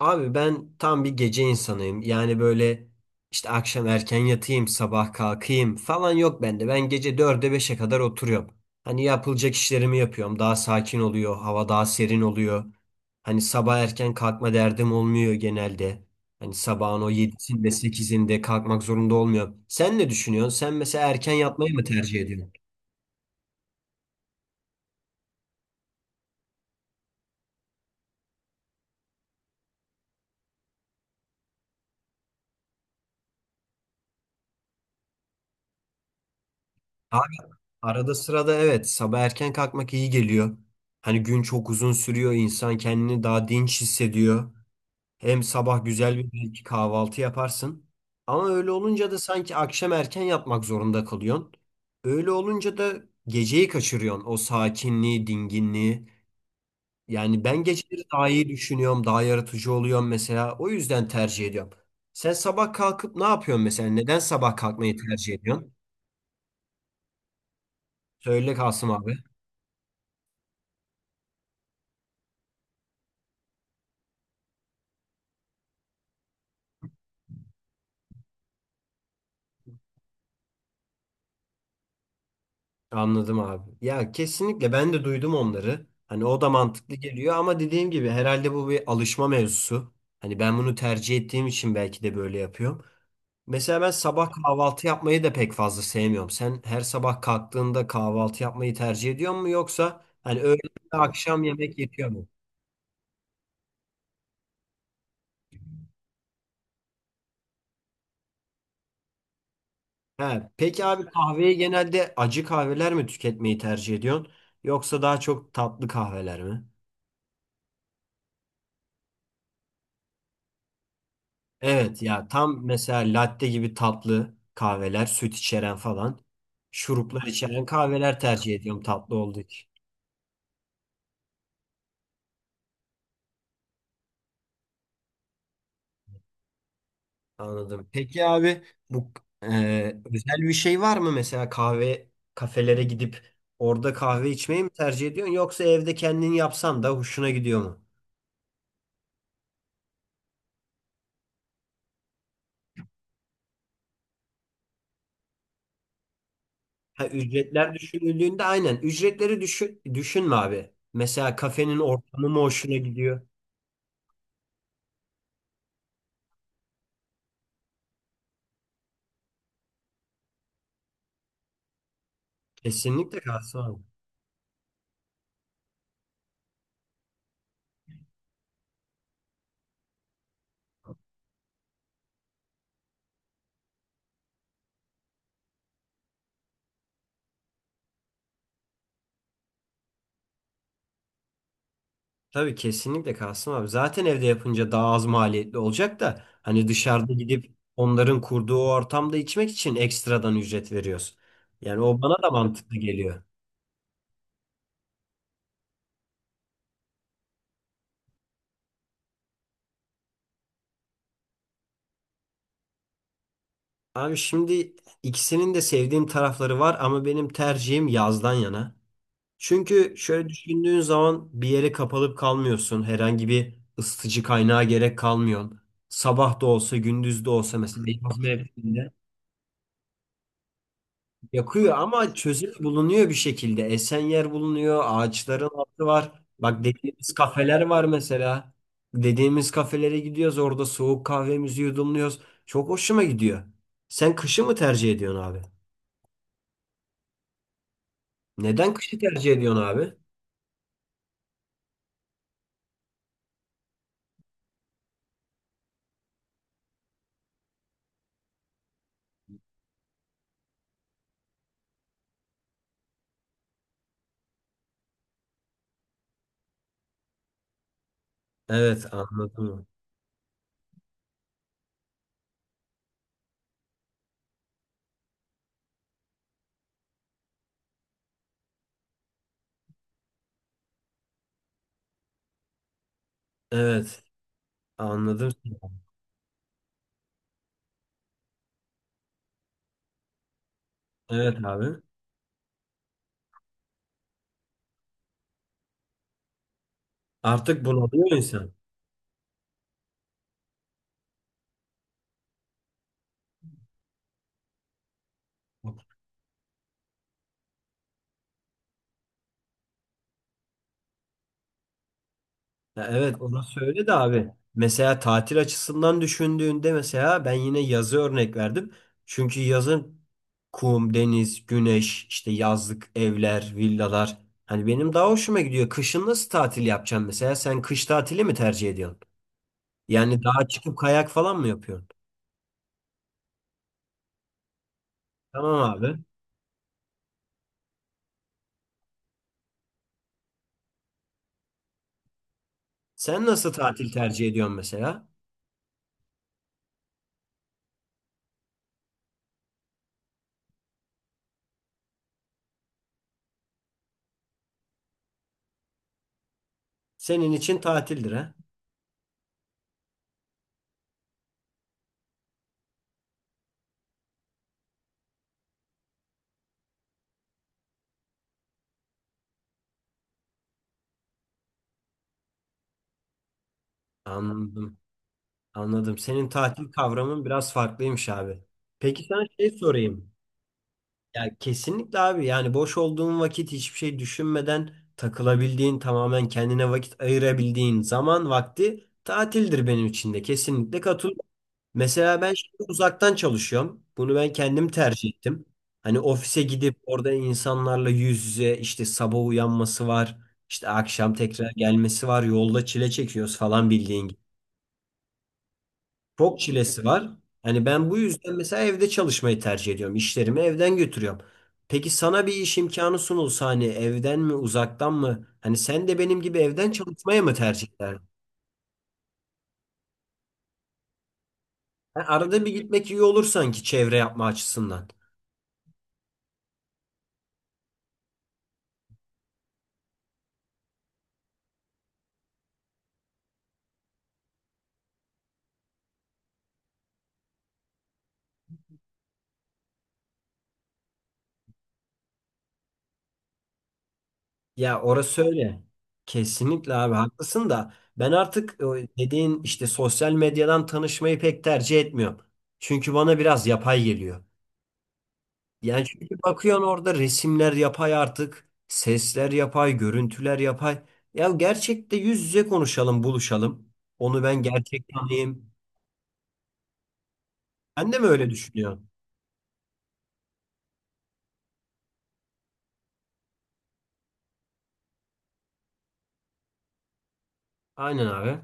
Abi ben tam bir gece insanıyım. Yani böyle işte akşam erken yatayım, sabah kalkayım falan yok bende. Ben gece dörde beşe kadar oturuyorum. Hani yapılacak işlerimi yapıyorum. Daha sakin oluyor, hava daha serin oluyor. Hani sabah erken kalkma derdim olmuyor genelde. Hani sabahın o 7'sinde sekizinde kalkmak zorunda olmuyorum. Sen ne düşünüyorsun? Sen mesela erken yatmayı mı tercih ediyorsun? Abi arada sırada evet, sabah erken kalkmak iyi geliyor. Hani gün çok uzun sürüyor, insan kendini daha dinç hissediyor. Hem sabah güzel bir belki kahvaltı yaparsın. Ama öyle olunca da sanki akşam erken yapmak zorunda kalıyorsun. Öyle olunca da geceyi kaçırıyorsun. O sakinliği, dinginliği. Yani ben geceleri daha iyi düşünüyorum, daha yaratıcı oluyorum mesela. O yüzden tercih ediyorum. Sen sabah kalkıp ne yapıyorsun mesela? Neden sabah kalkmayı tercih ediyorsun? Söyle Kasım abi. Anladım abi. Ya kesinlikle ben de duydum onları. Hani o da mantıklı geliyor ama dediğim gibi herhalde bu bir alışma mevzusu. Hani ben bunu tercih ettiğim için belki de böyle yapıyorum. Mesela ben sabah kahvaltı yapmayı da pek fazla sevmiyorum. Sen her sabah kalktığında kahvaltı yapmayı tercih ediyor mu yoksa hani öğle ve akşam yemek yetiyor mu? He, peki abi kahveyi genelde acı kahveler mi tüketmeyi tercih ediyorsun yoksa daha çok tatlı kahveler mi? Evet ya, tam mesela latte gibi tatlı kahveler, süt içeren falan, şuruplar içeren kahveler tercih ediyorum tatlı olduğu için. Anladım. Peki abi bu e, özel bir şey var mı mesela kahve kafelere gidip orada kahve içmeyi mi tercih ediyorsun yoksa evde kendin yapsan da hoşuna gidiyor mu? Ha, ücretler düşünüldüğünde aynen ücretleri düşünme abi. Mesela kafenin ortamı mı hoşuna gidiyor? Kesinlikle kalsın abi. Tabii kesinlikle Kasım abi. Zaten evde yapınca daha az maliyetli olacak da hani dışarıda gidip onların kurduğu o ortamda içmek için ekstradan ücret veriyoruz. Yani o bana da mantıklı geliyor. Abi şimdi ikisinin de sevdiğim tarafları var ama benim tercihim yazdan yana. Çünkü şöyle düşündüğün zaman bir yere kapalıp kalmıyorsun. Herhangi bir ısıtıcı kaynağa gerek kalmıyor. Sabah da olsa gündüz de olsa mesela. Yakıyor ama çözüm bulunuyor bir şekilde. Esen yer bulunuyor, ağaçların altı var. Bak, dediğimiz kafeler var mesela. Dediğimiz kafelere gidiyoruz, orada soğuk kahvemizi yudumluyoruz. Çok hoşuma gidiyor. Sen kışı mı tercih ediyorsun abi? Neden kışı tercih ediyorsun abi? Evet, anladım. Evet, anladım. Evet abi. Artık bunalıyor insan. Ya evet, orası öyle de abi. Mesela tatil açısından düşündüğünde, mesela ben yine yazı örnek verdim. Çünkü yazın kum, deniz, güneş, işte yazlık evler, villalar. Hani benim daha hoşuma gidiyor. Kışın nasıl tatil yapacaksın mesela? Sen kış tatili mi tercih ediyorsun? Yani dağa çıkıp kayak falan mı yapıyorsun? Tamam abi. Sen nasıl tatil tercih ediyorsun mesela? Senin için tatildir ha? Anladım. Anladım. Senin tatil kavramın biraz farklıymış abi. Peki sana şey sorayım. Ya kesinlikle abi, yani boş olduğun vakit hiçbir şey düşünmeden takılabildiğin, tamamen kendine vakit ayırabildiğin zaman vakti tatildir benim için de, kesinlikle katıl. Mesela ben şimdi uzaktan çalışıyorum. Bunu ben kendim tercih ettim. Hani ofise gidip orada insanlarla yüz yüze işte sabah uyanması var. İşte akşam tekrar gelmesi var. Yolda çile çekiyoruz falan bildiğin gibi. Çok çilesi var. Hani ben bu yüzden mesela evde çalışmayı tercih ediyorum. İşlerimi evden götürüyorum. Peki sana bir iş imkanı sunulsa hani evden mi, uzaktan mı? Hani sen de benim gibi evden çalışmaya mı tercih ederdin? Yani arada bir gitmek iyi olur sanki çevre yapma açısından. Ya orası öyle. Kesinlikle abi haklısın da ben artık o dediğin işte sosyal medyadan tanışmayı pek tercih etmiyorum. Çünkü bana biraz yapay geliyor. Yani çünkü bakıyorsun orada resimler yapay artık, sesler yapay, görüntüler yapay. Ya gerçekte yüz yüze konuşalım, buluşalım. Onu ben gerçek tanıyayım. Ben de mi öyle düşünüyorum? Aynen abi.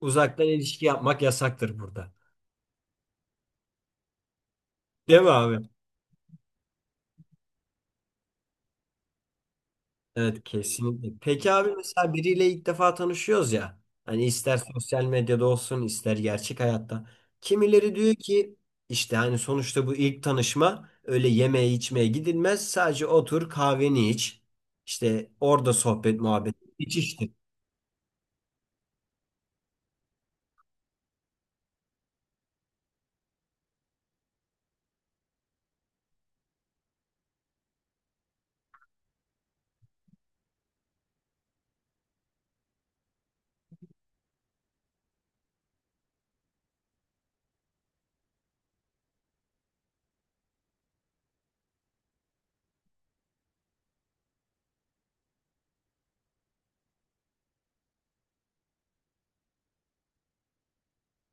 Uzaktan ilişki yapmak yasaktır burada. Değil mi abi? Evet, kesinlikle. Peki abi mesela biriyle ilk defa tanışıyoruz ya. Hani ister sosyal medyada olsun ister gerçek hayatta. Kimileri diyor ki işte hani sonuçta bu ilk tanışma öyle yemeğe içmeye gidilmez. Sadece otur kahveni iç. İşte orada sohbet muhabbet iç işte.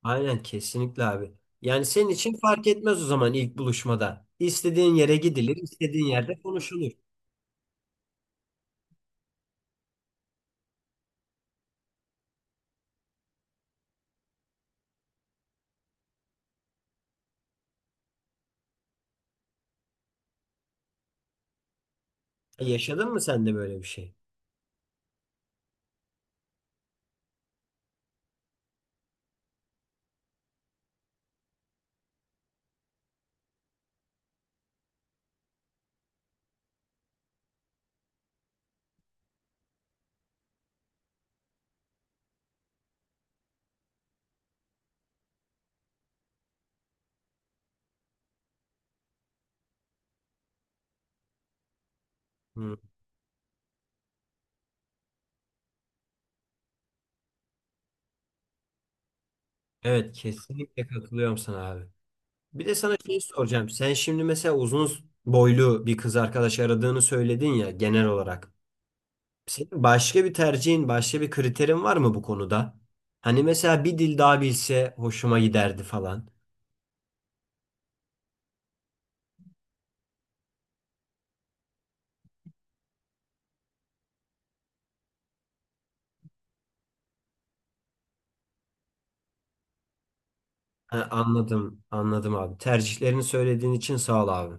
Aynen, kesinlikle abi. Yani senin için fark etmez o zaman ilk buluşmada. İstediğin yere gidilir, istediğin yerde konuşulur. Yaşadın mı sen de böyle bir şey? Hı. Evet, kesinlikle katılıyorum sana abi. Bir de sana şey soracağım. Sen şimdi mesela uzun boylu bir kız arkadaş aradığını söyledin ya genel olarak. Senin başka bir tercihin, başka bir kriterin var mı bu konuda? Hani mesela bir dil daha bilse hoşuma giderdi falan. Ha, anladım, anladım abi. Tercihlerini söylediğin için sağ ol abi.